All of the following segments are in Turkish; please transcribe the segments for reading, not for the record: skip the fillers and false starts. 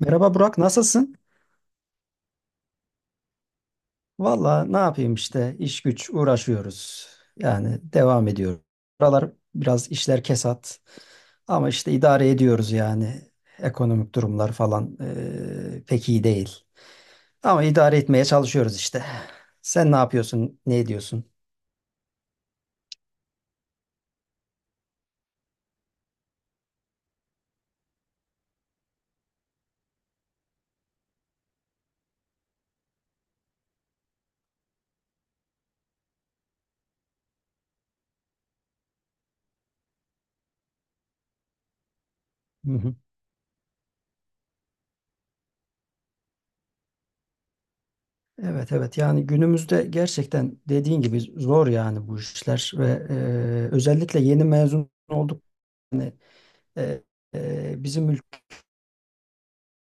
Merhaba Burak, nasılsın? Valla ne yapayım işte iş güç uğraşıyoruz. Yani devam ediyoruz. Buralar biraz işler kesat. Ama işte idare ediyoruz yani. Ekonomik durumlar falan pek iyi değil. Ama idare etmeye çalışıyoruz işte. Sen ne yapıyorsun, ne ediyorsun? Hı hı. Evet evet, yani günümüzde gerçekten dediğin gibi zor yani bu işler ve özellikle yeni mezun olduk. Eee, bizim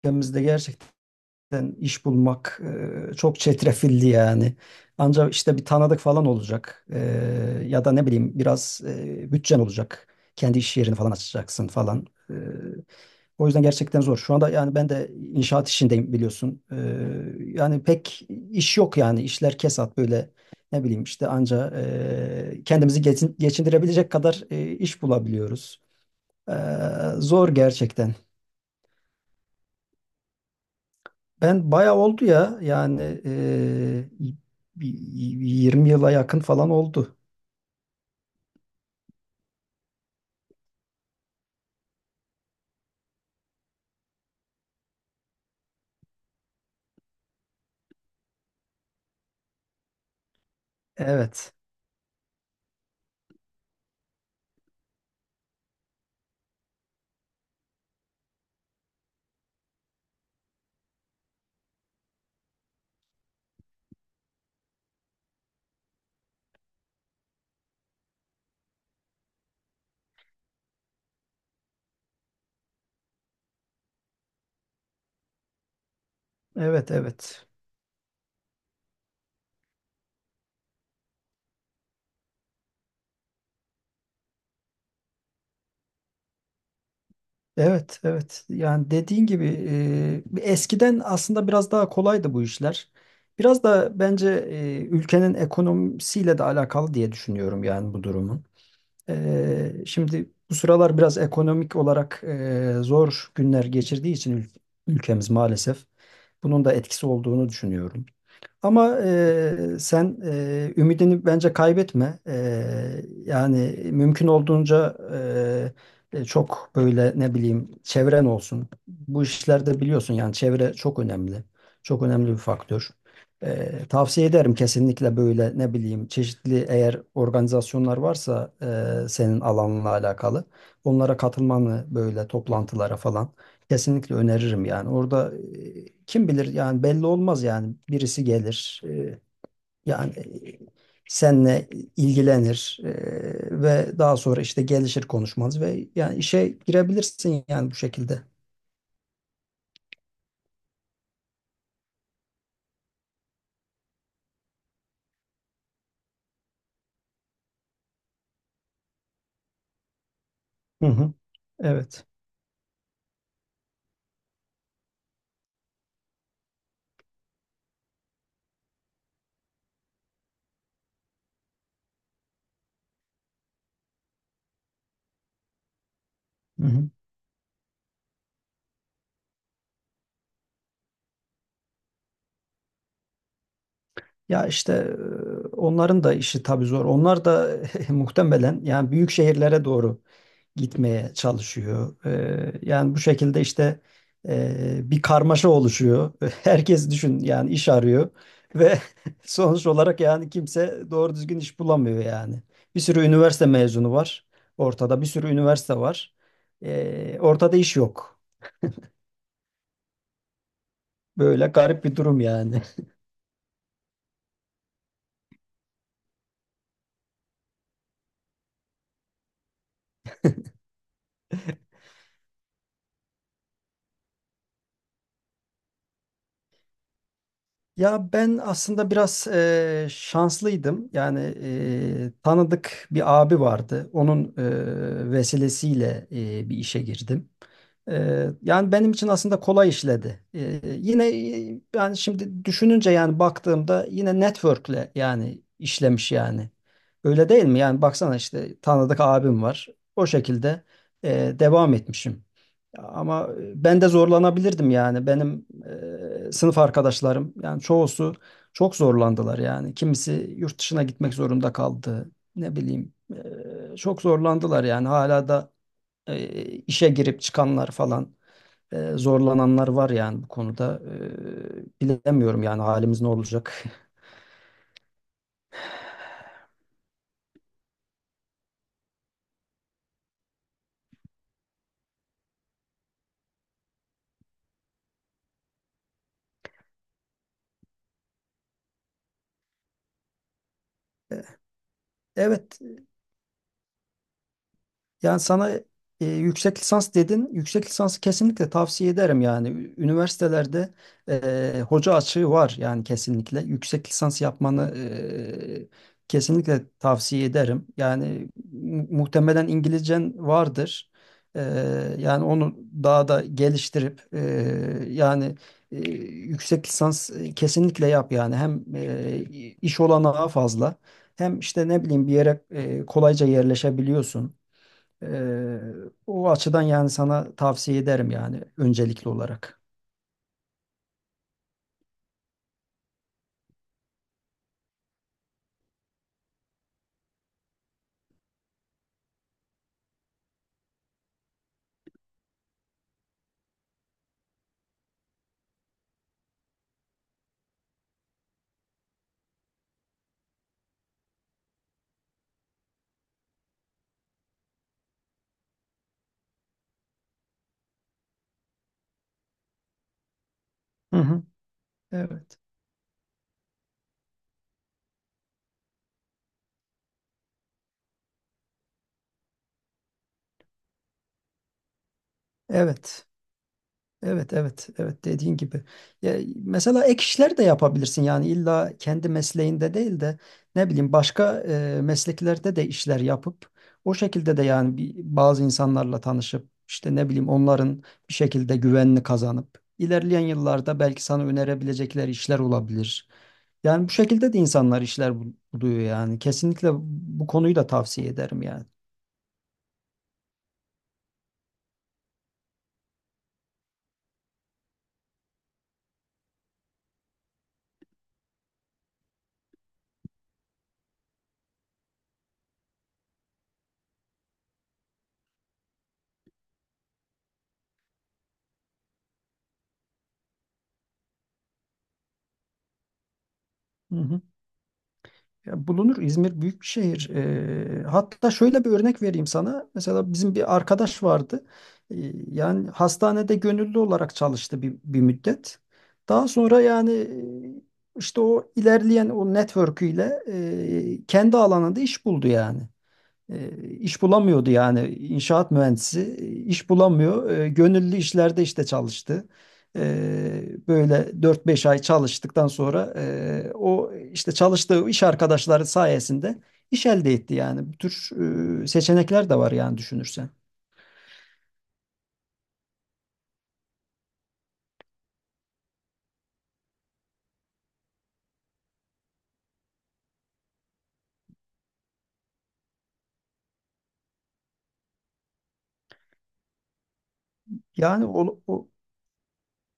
ülkemizde gerçekten iş bulmak çok çetrefilli yani. Ancak işte bir tanıdık falan olacak. Ya da ne bileyim biraz bütçen olacak. Kendi iş yerini falan açacaksın falan. O yüzden gerçekten zor. Şu anda yani ben de inşaat işindeyim biliyorsun. Yani pek iş yok yani. İşler kesat böyle, ne bileyim işte, anca kendimizi geçindirebilecek kadar iş bulabiliyoruz. E, Zor gerçekten. Ben bayağı oldu ya yani bir 20 yıla yakın falan oldu. Evet, evet, evet. Evet, evet. Yani dediğin gibi, eskiden aslında biraz daha kolaydı bu işler. Biraz da bence ülkenin ekonomisiyle de alakalı diye düşünüyorum yani bu durumun. Şimdi bu sıralar biraz ekonomik olarak zor günler geçirdiği için ülkemiz, maalesef bunun da etkisi olduğunu düşünüyorum. Ama sen ümidini bence kaybetme. Yani mümkün olduğunca çok böyle, ne bileyim, çevren olsun. Bu işlerde biliyorsun yani çevre çok önemli. Çok önemli bir faktör. Tavsiye ederim kesinlikle, böyle ne bileyim, çeşitli eğer organizasyonlar varsa senin alanla alakalı, onlara katılmanı, böyle toplantılara falan. Kesinlikle öneririm yani. Orada kim bilir yani, belli olmaz yani. Birisi gelir, yani e, seninle ilgilenir ve daha sonra işte gelişir konuşmanız ve yani işe girebilirsin yani bu şekilde. Hı hı. Evet. Hı hı. Ya işte onların da işi tabii zor. Onlar da muhtemelen yani büyük şehirlere doğru gitmeye çalışıyor. Yani bu şekilde işte bir karmaşa oluşuyor. Herkes düşün yani iş arıyor ve sonuç olarak yani kimse doğru düzgün iş bulamıyor yani. Bir sürü üniversite mezunu var ortada, bir sürü üniversite var. Ortada iş yok. Böyle garip bir durum yani. Ya ben aslında biraz şanslıydım. Yani tanıdık bir abi vardı. Onun vesilesiyle bir işe girdim. Yani benim için aslında kolay işledi. Yine yani şimdi düşününce, yani baktığımda, yine network'le yani işlemiş yani. Öyle değil mi? Yani baksana, işte tanıdık abim var. O şekilde devam etmişim. Ama ben de zorlanabilirdim yani. Benim sınıf arkadaşlarım, yani çoğusu çok zorlandılar yani. Kimisi yurt dışına gitmek zorunda kaldı. Ne bileyim, çok zorlandılar yani. Hala da işe girip çıkanlar falan, zorlananlar var yani bu konuda. Bilemiyorum yani halimiz ne olacak. Evet. Yani sana yüksek lisans dedin. Yüksek lisansı kesinlikle tavsiye ederim yani. Üniversitelerde hoca açığı var yani kesinlikle. Yüksek lisans yapmanı kesinlikle tavsiye ederim. Yani muhtemelen İngilizcen vardır. E, Yani onu daha da geliştirip, yani e, yüksek lisans kesinlikle yap yani. Hem iş olanağı fazla. Hem işte, ne bileyim, bir yere kolayca yerleşebiliyorsun. Ee, O açıdan yani sana tavsiye ederim yani öncelikli olarak. Hı hı. Evet. Evet. Evet evet evet, dediğin gibi. Ya, mesela ek işler de yapabilirsin yani illa kendi mesleğinde değil de, ne bileyim, başka mesleklerde de işler yapıp o şekilde de yani bazı insanlarla tanışıp, işte ne bileyim, onların bir şekilde güvenini kazanıp, ilerleyen yıllarda belki sana önerebilecekleri işler olabilir. Yani bu şekilde de insanlar işler buluyor yani. Kesinlikle bu konuyu da tavsiye ederim yani. Hı hı. Ya bulunur. İzmir büyük bir şehir. Hatta şöyle bir örnek vereyim sana. Mesela bizim bir arkadaş vardı. Ee, Yani hastanede gönüllü olarak çalıştı bir müddet. Daha sonra yani işte o ilerleyen o network'üyle kendi alanında iş buldu yani. E, iş bulamıyordu yani, inşaat mühendisi iş bulamıyor. Gönüllü işlerde işte çalıştı. Böyle 4 5 ay çalıştıktan sonra o işte çalıştığı iş arkadaşları sayesinde iş elde etti yani. Bu tür seçenekler de var yani, düşünürsen. Yani o, o-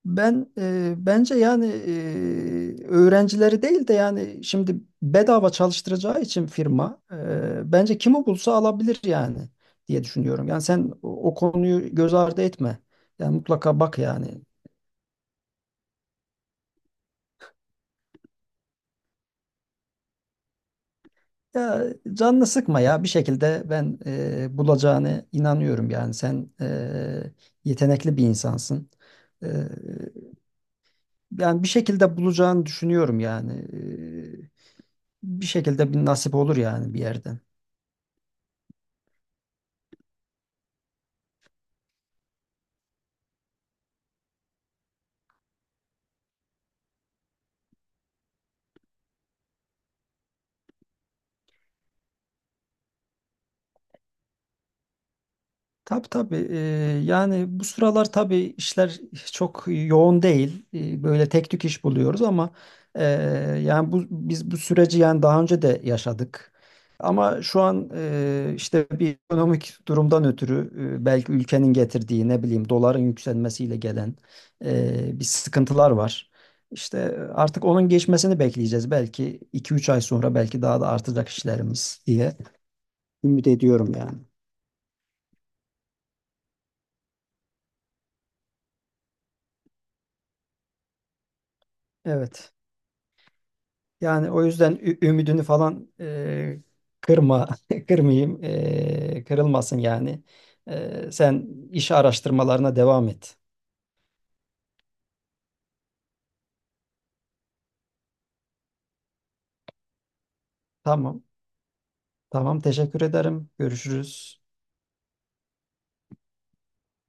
Ben, bence yani öğrencileri değil de, yani şimdi bedava çalıştıracağı için firma, bence kimi bulsa alabilir yani diye düşünüyorum. Yani sen o konuyu göz ardı etme. Yani mutlaka bak yani. Ya canını sıkma ya, bir şekilde ben bulacağını inanıyorum yani, sen yetenekli bir insansın. E, Yani bir şekilde bulacağını düşünüyorum yani. Bir şekilde bir nasip olur yani bir yerden. Tabii tabii. Yani bu sıralar tabii işler çok yoğun değil. Böyle tek tük iş buluyoruz ama e, yani bu bu süreci yani daha önce de yaşadık. Ama şu an, işte bir ekonomik durumdan ötürü, belki ülkenin getirdiği, ne bileyim, doların yükselmesiyle gelen bir sıkıntılar var. İşte artık onun geçmesini bekleyeceğiz. Belki 2 3 ay sonra belki daha da artacak işlerimiz diye ümit ediyorum yani. Evet. Yani o yüzden ümidini falan kırma, kırmayayım, kırılmasın yani. Sen iş araştırmalarına devam et. Tamam, tamam, teşekkür ederim. Görüşürüz.